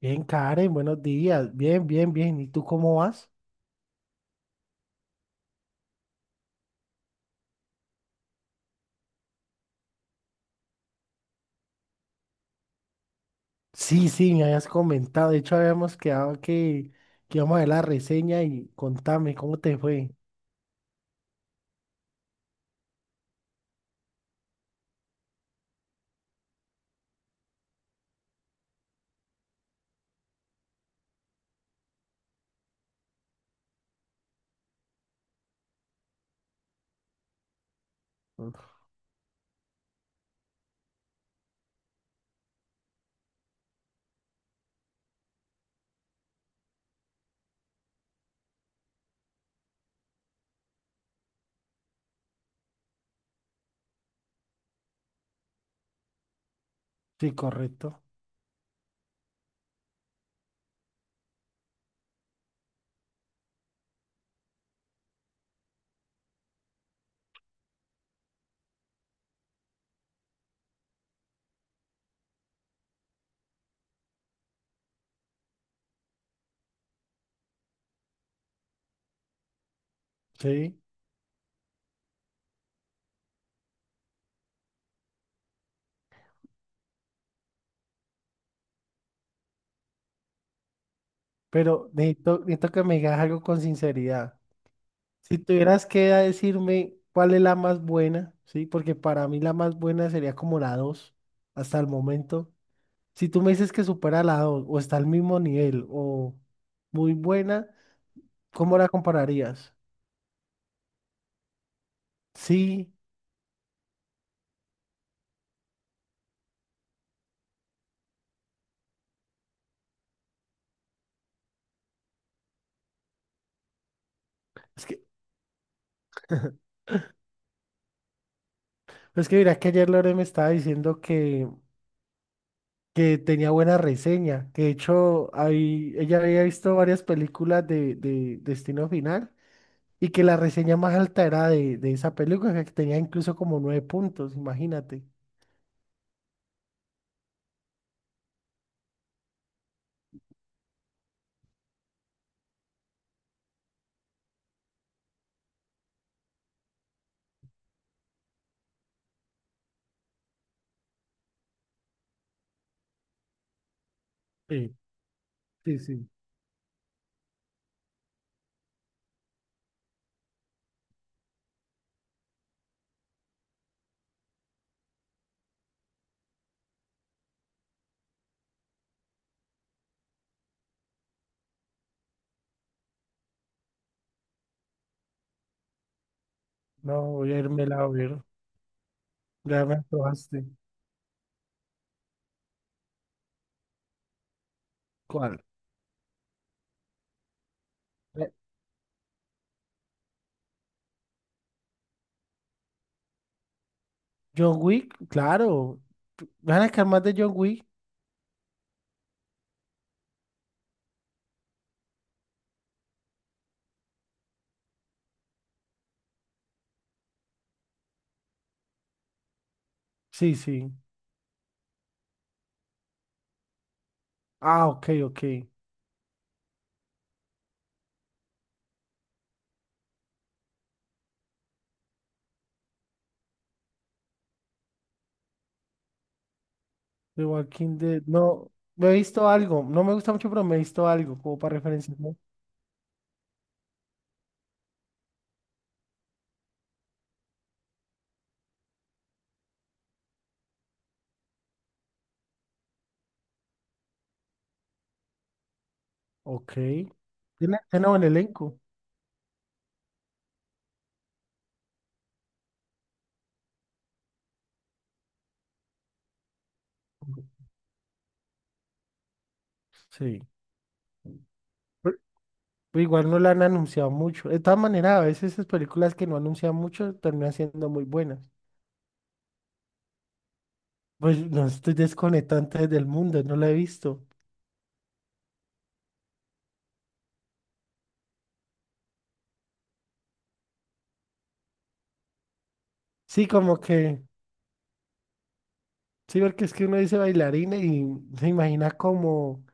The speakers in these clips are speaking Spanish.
Bien, Karen, buenos días. Bien, bien, bien. ¿Y tú cómo vas? Sí, sí, me habías comentado. De hecho, habíamos quedado que íbamos a ver la reseña y contame cómo te fue. Uf. Sí, correcto. Sí. Pero necesito, necesito que me digas algo con sinceridad. Si tuvieras que decirme cuál es la más buena, ¿sí? Porque para mí la más buena sería como la 2 hasta el momento. Si tú me dices que supera la 2 o está al mismo nivel o muy buena, ¿cómo la compararías? Sí, es que, es que mira que ayer Lore me estaba diciendo que tenía buena reseña, que de hecho ahí ella había visto varias películas de Destino Final y que la reseña más alta era de esa película, que tenía incluso como nueve puntos, imagínate. Sí, sí, sí. No, voy a irme a ver, ya me antojaste. ¿Cuál? Eh, John Wick, claro. ¿Van a sacar más de John Wick? Sí, sí. Ah, ok, ok. The Walking Dead. No, me he visto algo. No me gusta mucho, pero me he visto algo como para referencia, ¿no? Ok. Tiene, tiene buen elenco. Sí. Pero pero igual no la han anunciado mucho. De todas maneras, a veces esas películas que no anuncian mucho terminan siendo muy buenas. Pues no estoy desconectante del mundo, no la he visto. Sí, como que, sí, porque es que uno dice bailarina y se imagina como,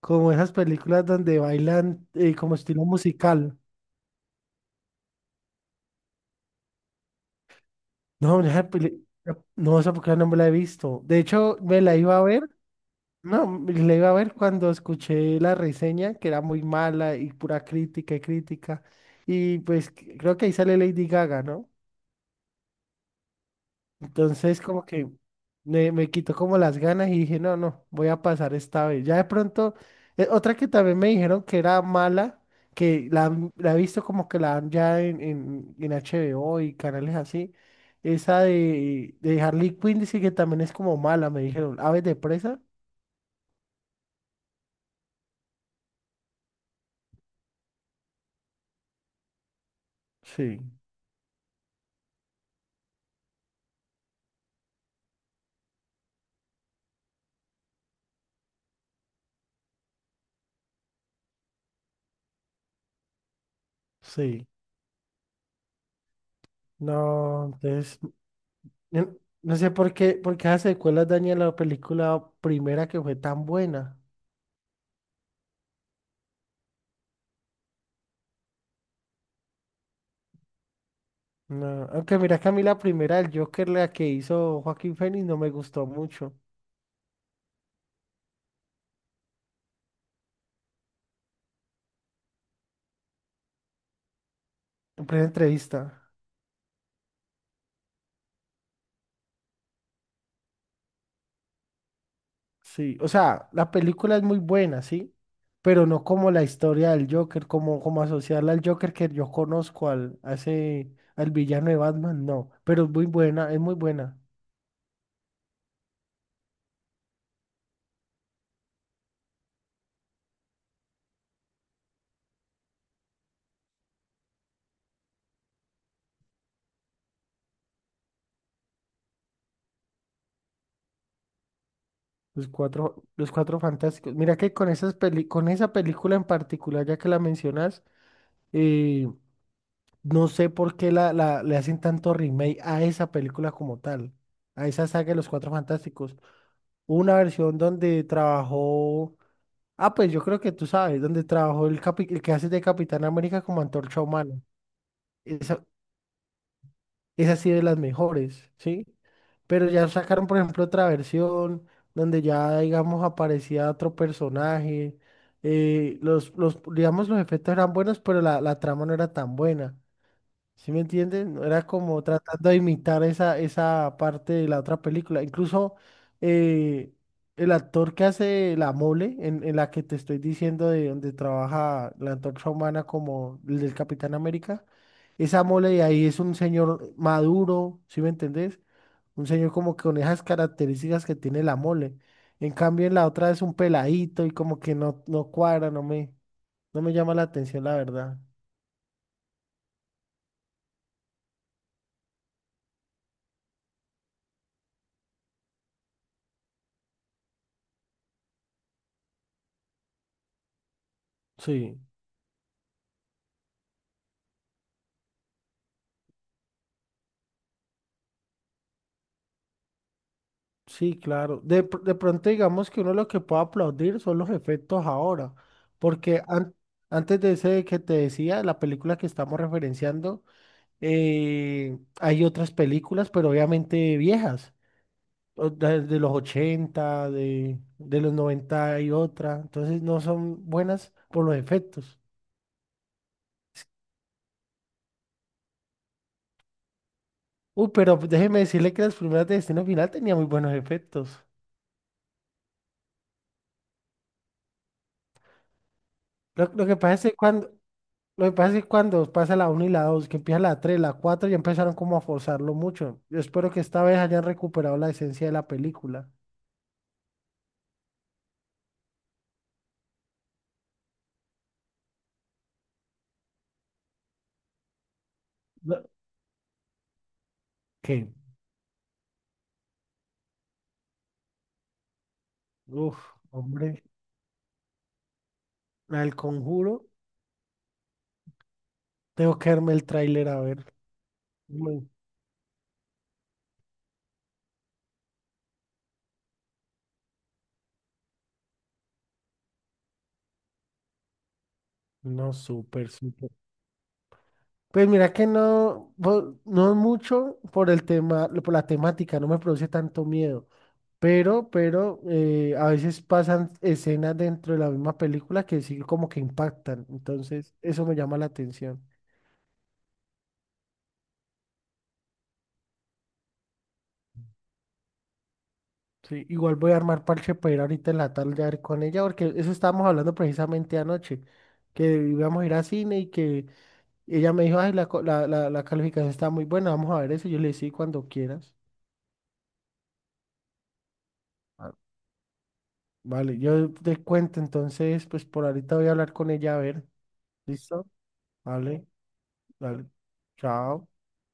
como esas películas donde bailan como estilo musical. No, no, no, esa película no me la he visto. De hecho, me la iba a ver. No, me la iba a ver cuando escuché la reseña, que era muy mala y pura crítica y crítica. Y pues creo que ahí sale Lady Gaga, ¿no? Entonces como que me quitó como las ganas y dije, no, no, voy a pasar esta vez. Ya de pronto, otra que también me dijeron que era mala, la he visto como que la dan ya en, en HBO y canales así, esa de Harley Quinn dice que también es como mala, me dijeron, Aves de presa. Sí, sí. No, entonces, yo no sé por qué esas secuelas dañan la película primera que fue tan buena. No, aunque mira que a mí la primera del Joker, la que hizo Joaquín Phoenix, no me gustó mucho. En plena entrevista. Sí, o sea, la película es muy buena, sí, pero no como la historia del Joker, como, como asociarla al Joker que yo conozco al, a al villano de Batman, no. Pero es muy buena, es muy buena. Los cuatro fantásticos. Mira que con con esa película en particular, ya que la mencionas, eh, no sé por qué le hacen tanto remake a esa película como tal, a esa saga de los Cuatro Fantásticos. Hubo una versión donde trabajó, ah, pues yo creo que tú sabes, donde trabajó el que hace de Capitán América como Antorcha Humana. Esa, esa sí de las mejores, ¿sí? Pero ya sacaron, por ejemplo, otra versión donde ya, digamos, aparecía otro personaje. Eh, los, digamos, los efectos eran buenos, pero la trama no era tan buena. ¿Sí me entienden? Era como tratando de imitar esa, esa parte de la otra película. Incluso eh, el actor que hace la mole, en la que te estoy diciendo de donde trabaja la antorcha humana como el del Capitán América, esa mole de ahí es un señor maduro, ¿sí me entendés? Un señor como que con esas características que tiene la mole. En cambio, en la otra es un peladito y como que no, no cuadra, no me, no me llama la atención, la verdad. Sí. Sí, claro. De pronto digamos que uno lo que puede aplaudir son los efectos ahora, porque antes de ese que te decía, la película que estamos referenciando, hay otras películas, pero obviamente viejas, o de los 80, de los 90 y otra, entonces no son buenas por los efectos. Uy, pero déjeme decirle que las primeras de Destino Final tenían muy buenos efectos. Lo, lo que pasa es que cuando, Lo que pasa es que cuando pasa la uno y la 2 que empieza la 3 la 4 ya empezaron como a forzarlo mucho. Yo espero que esta vez hayan recuperado la esencia de la película. No. Que, uf, hombre, al conjuro, tengo que verme el tráiler a ver. Uy. No, súper, súper. Pues mira que no, no es mucho por el tema, por la temática, no me produce tanto miedo. Pero a veces pasan escenas dentro de la misma película que sí como que impactan. Entonces, eso me llama la atención. Sí, igual voy a armar parche para ir ahorita en la tarde a ver con ella, porque eso estábamos hablando precisamente anoche, que íbamos a ir a cine y que ella me dijo, ay, la, la, la calificación está muy buena, vamos a ver eso. Yo le dije, sí, cuando quieras. Ah, vale, yo te cuento, entonces, pues por ahorita voy a hablar con ella, a ver, ¿listo? Vale, dale, chao.